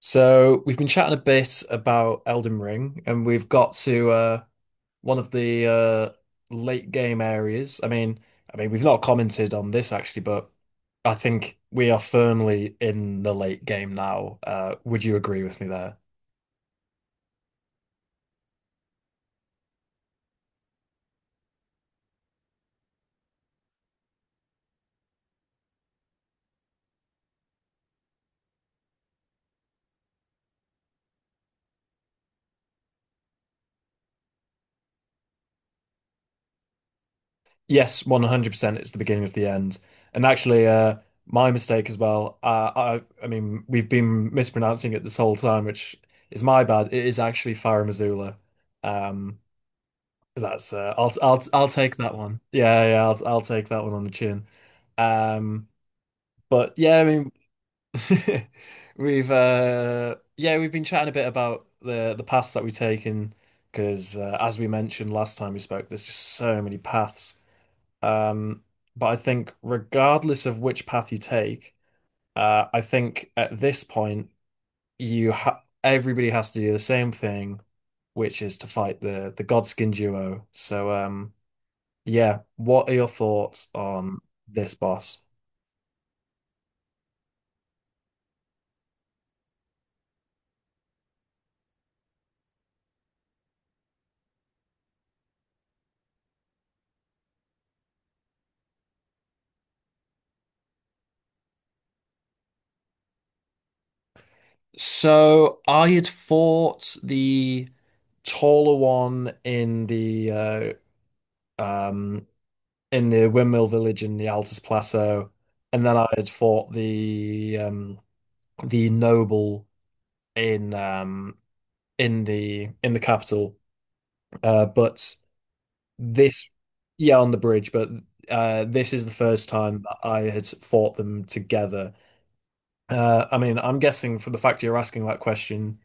So we've been chatting a bit about Elden Ring, and we've got to one of the late game areas. I mean, we've not commented on this actually, but I think we are firmly in the late game now. Would you agree with me there? Yes, 100%. It's the beginning of the end. And actually, my mistake as well. I mean, we've been mispronouncing it this whole time, which is my bad. It is actually Farum Azula. Um, That's I'll take that one. Yeah, yeah, I'll take that one on the chin. Um, but yeah, I mean, we've yeah, we've been chatting a bit about the paths that we take in because as we mentioned last time we spoke, there's just so many paths. Um, but I think regardless of which path you take, I think at this point you ha everybody has to do the same thing, which is to fight the Godskin duo. So. Yeah. What are your thoughts on this boss? So I had fought the taller one um in the Windmill Village in the Altus Plateau, and then I had fought the noble in um in the capital. But this Yeah, on the bridge, but this is the first time that I had fought them together. I mean, I'm guessing from the fact you're asking that question,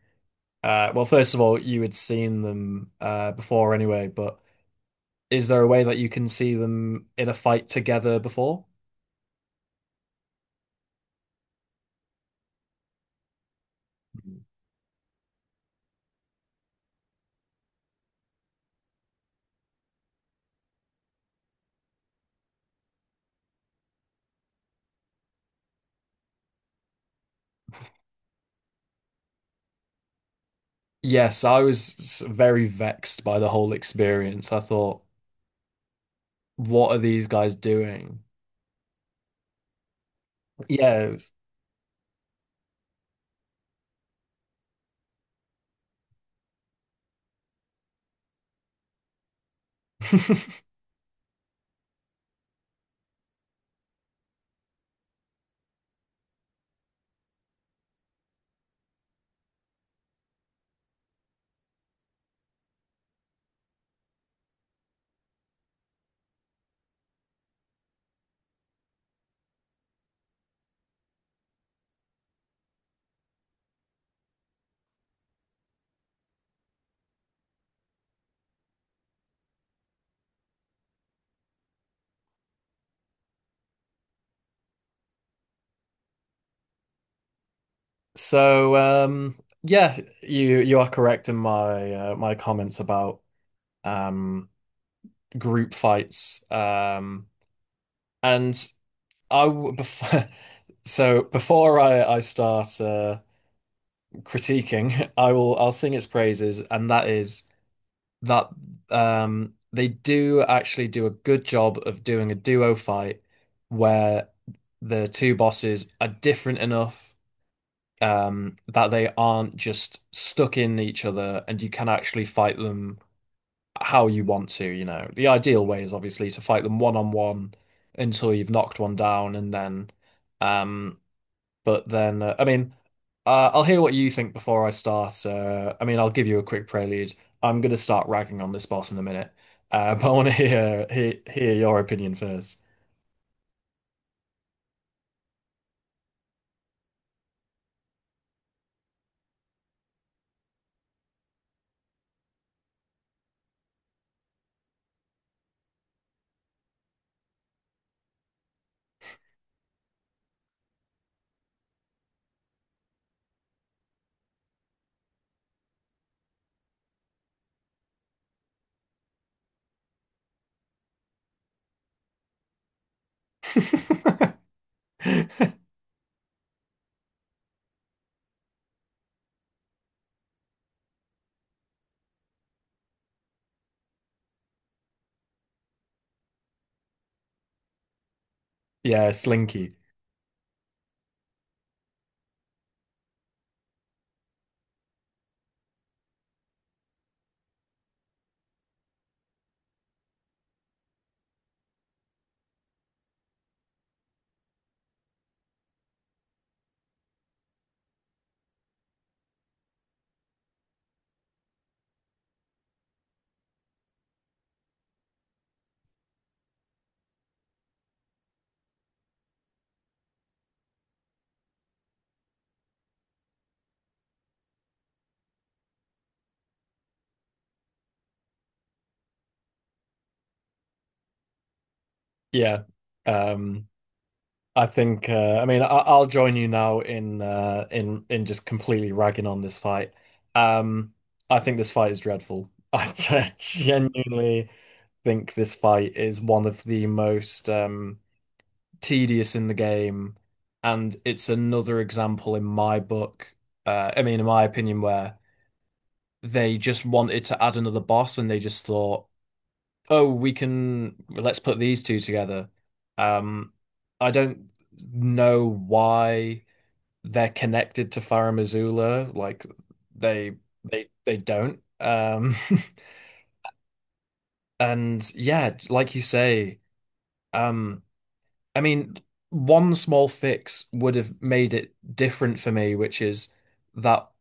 well, first of all, you had seen them before anyway, but is there a way that you can see them in a fight together before? Mm-hmm. Yes, I was very vexed by the whole experience. I thought, what are these guys doing? Yeah. So, yeah, you are correct in my my comments about um group fights. And I w- bef so before I start critiquing, I'll sing its praises, and that is that they do actually do a good job of doing a duo fight where the two bosses are different enough that they aren't just stuck in each other, and you can actually fight them how you want to, you know. The ideal way is obviously to fight them one on one until you've knocked one down, and then. Um, I mean, I'll hear what you think before I start. I mean, I'll give you a quick prelude. I'm going to start ragging on this boss in a minute, but I want to hear your opinion first. Yeah, Slinky. Yeah. Um, I think I mean I'll join you now in in just completely ragging on this fight. Um I think this fight is dreadful. I genuinely think this fight is one of the most tedious in the game, and it's another example in my book, I mean, in my opinion, where they just wanted to add another boss and they just thought, oh, let's put these two together. Um, I don't know why they're connected to Farah Missoula, like they they don't. And yeah, like you say, um. I mean, one small fix would have made it different for me, which is that,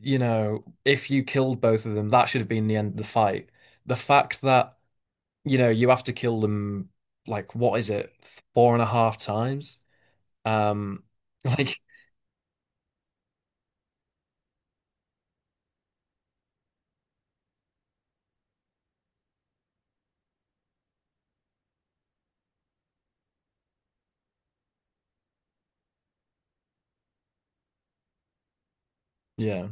you know, if you killed both of them, that should have been the end of the fight. The fact that, you know, you have to kill them, like, what is it, four and a half times? Um, like, yeah.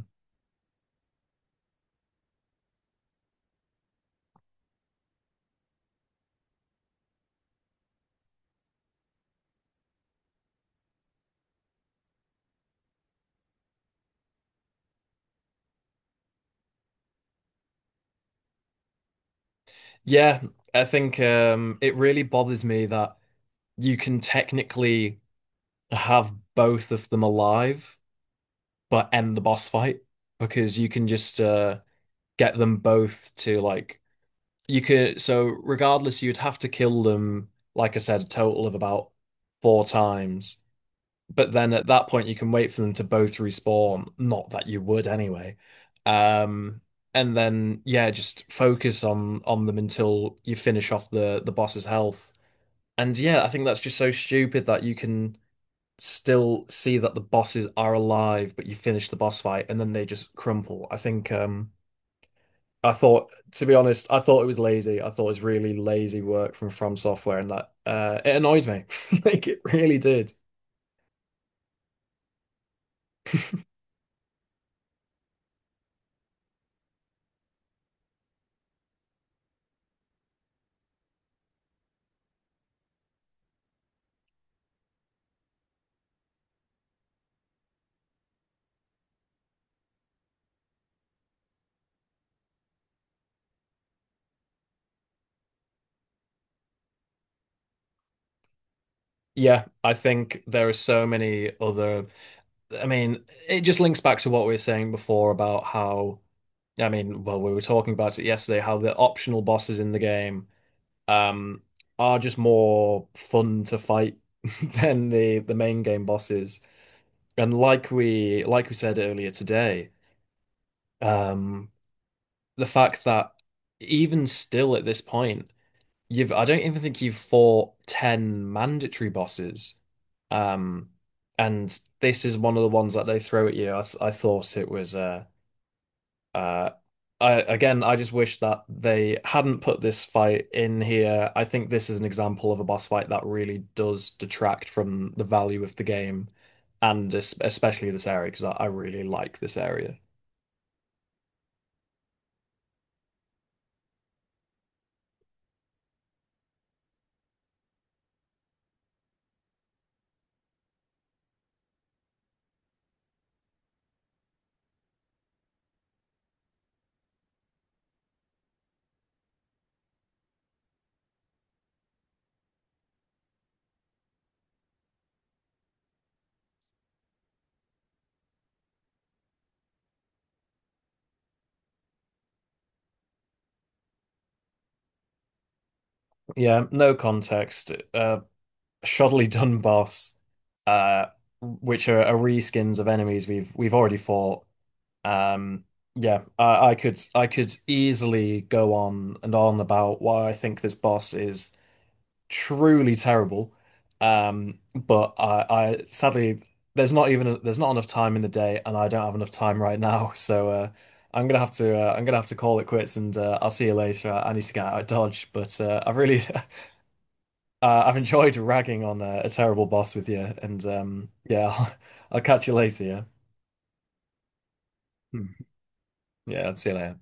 Yeah, I think it really bothers me that you can technically have both of them alive, but end the boss fight because you can just get them both to like you could so regardless, you'd have to kill them, like I said, a total of about four times. But then at that point you can wait for them to both respawn, not that you would anyway. um and then yeah, just focus on them until you finish off the boss's health. And yeah, I think that's just so stupid that you can still see that the bosses are alive but you finish the boss fight and then they just crumple. I think I thought, to be honest, I thought it was lazy. I thought it was really lazy work from Software, and that it annoyed me. Like it really did. Yeah, I think there are so many other. I mean, it just links back to what we were saying before about how. I mean, well, we were talking about it yesterday. How the optional bosses in the game um, are just more fun to fight than the main game bosses. And like we said earlier today. Um, the fact that even still at this point, you've I don't even think you've fought 10 mandatory bosses. Um, and this is one of the ones that they throw at you. I thought it was uh I again I just wish that they hadn't put this fight in here. I think this is an example of a boss fight that really does detract from the value of the game, and es especially this area because I really like this area. Yeah, no context. Shoddily done boss, uh, which are reskins of enemies we've already fought. Um, yeah, I could easily go on and on about why I think this boss is truly terrible. Um, but I, I sadly there's not enough time in the day, and I don't have enough time right now. So I'm gonna have to call it quits, and I'll see you later. I need to get out of Dodge, but I've really I've enjoyed ragging on a terrible boss with you, and yeah, I'll catch you later. Yeah. Hmm. Yeah, I'll see you later.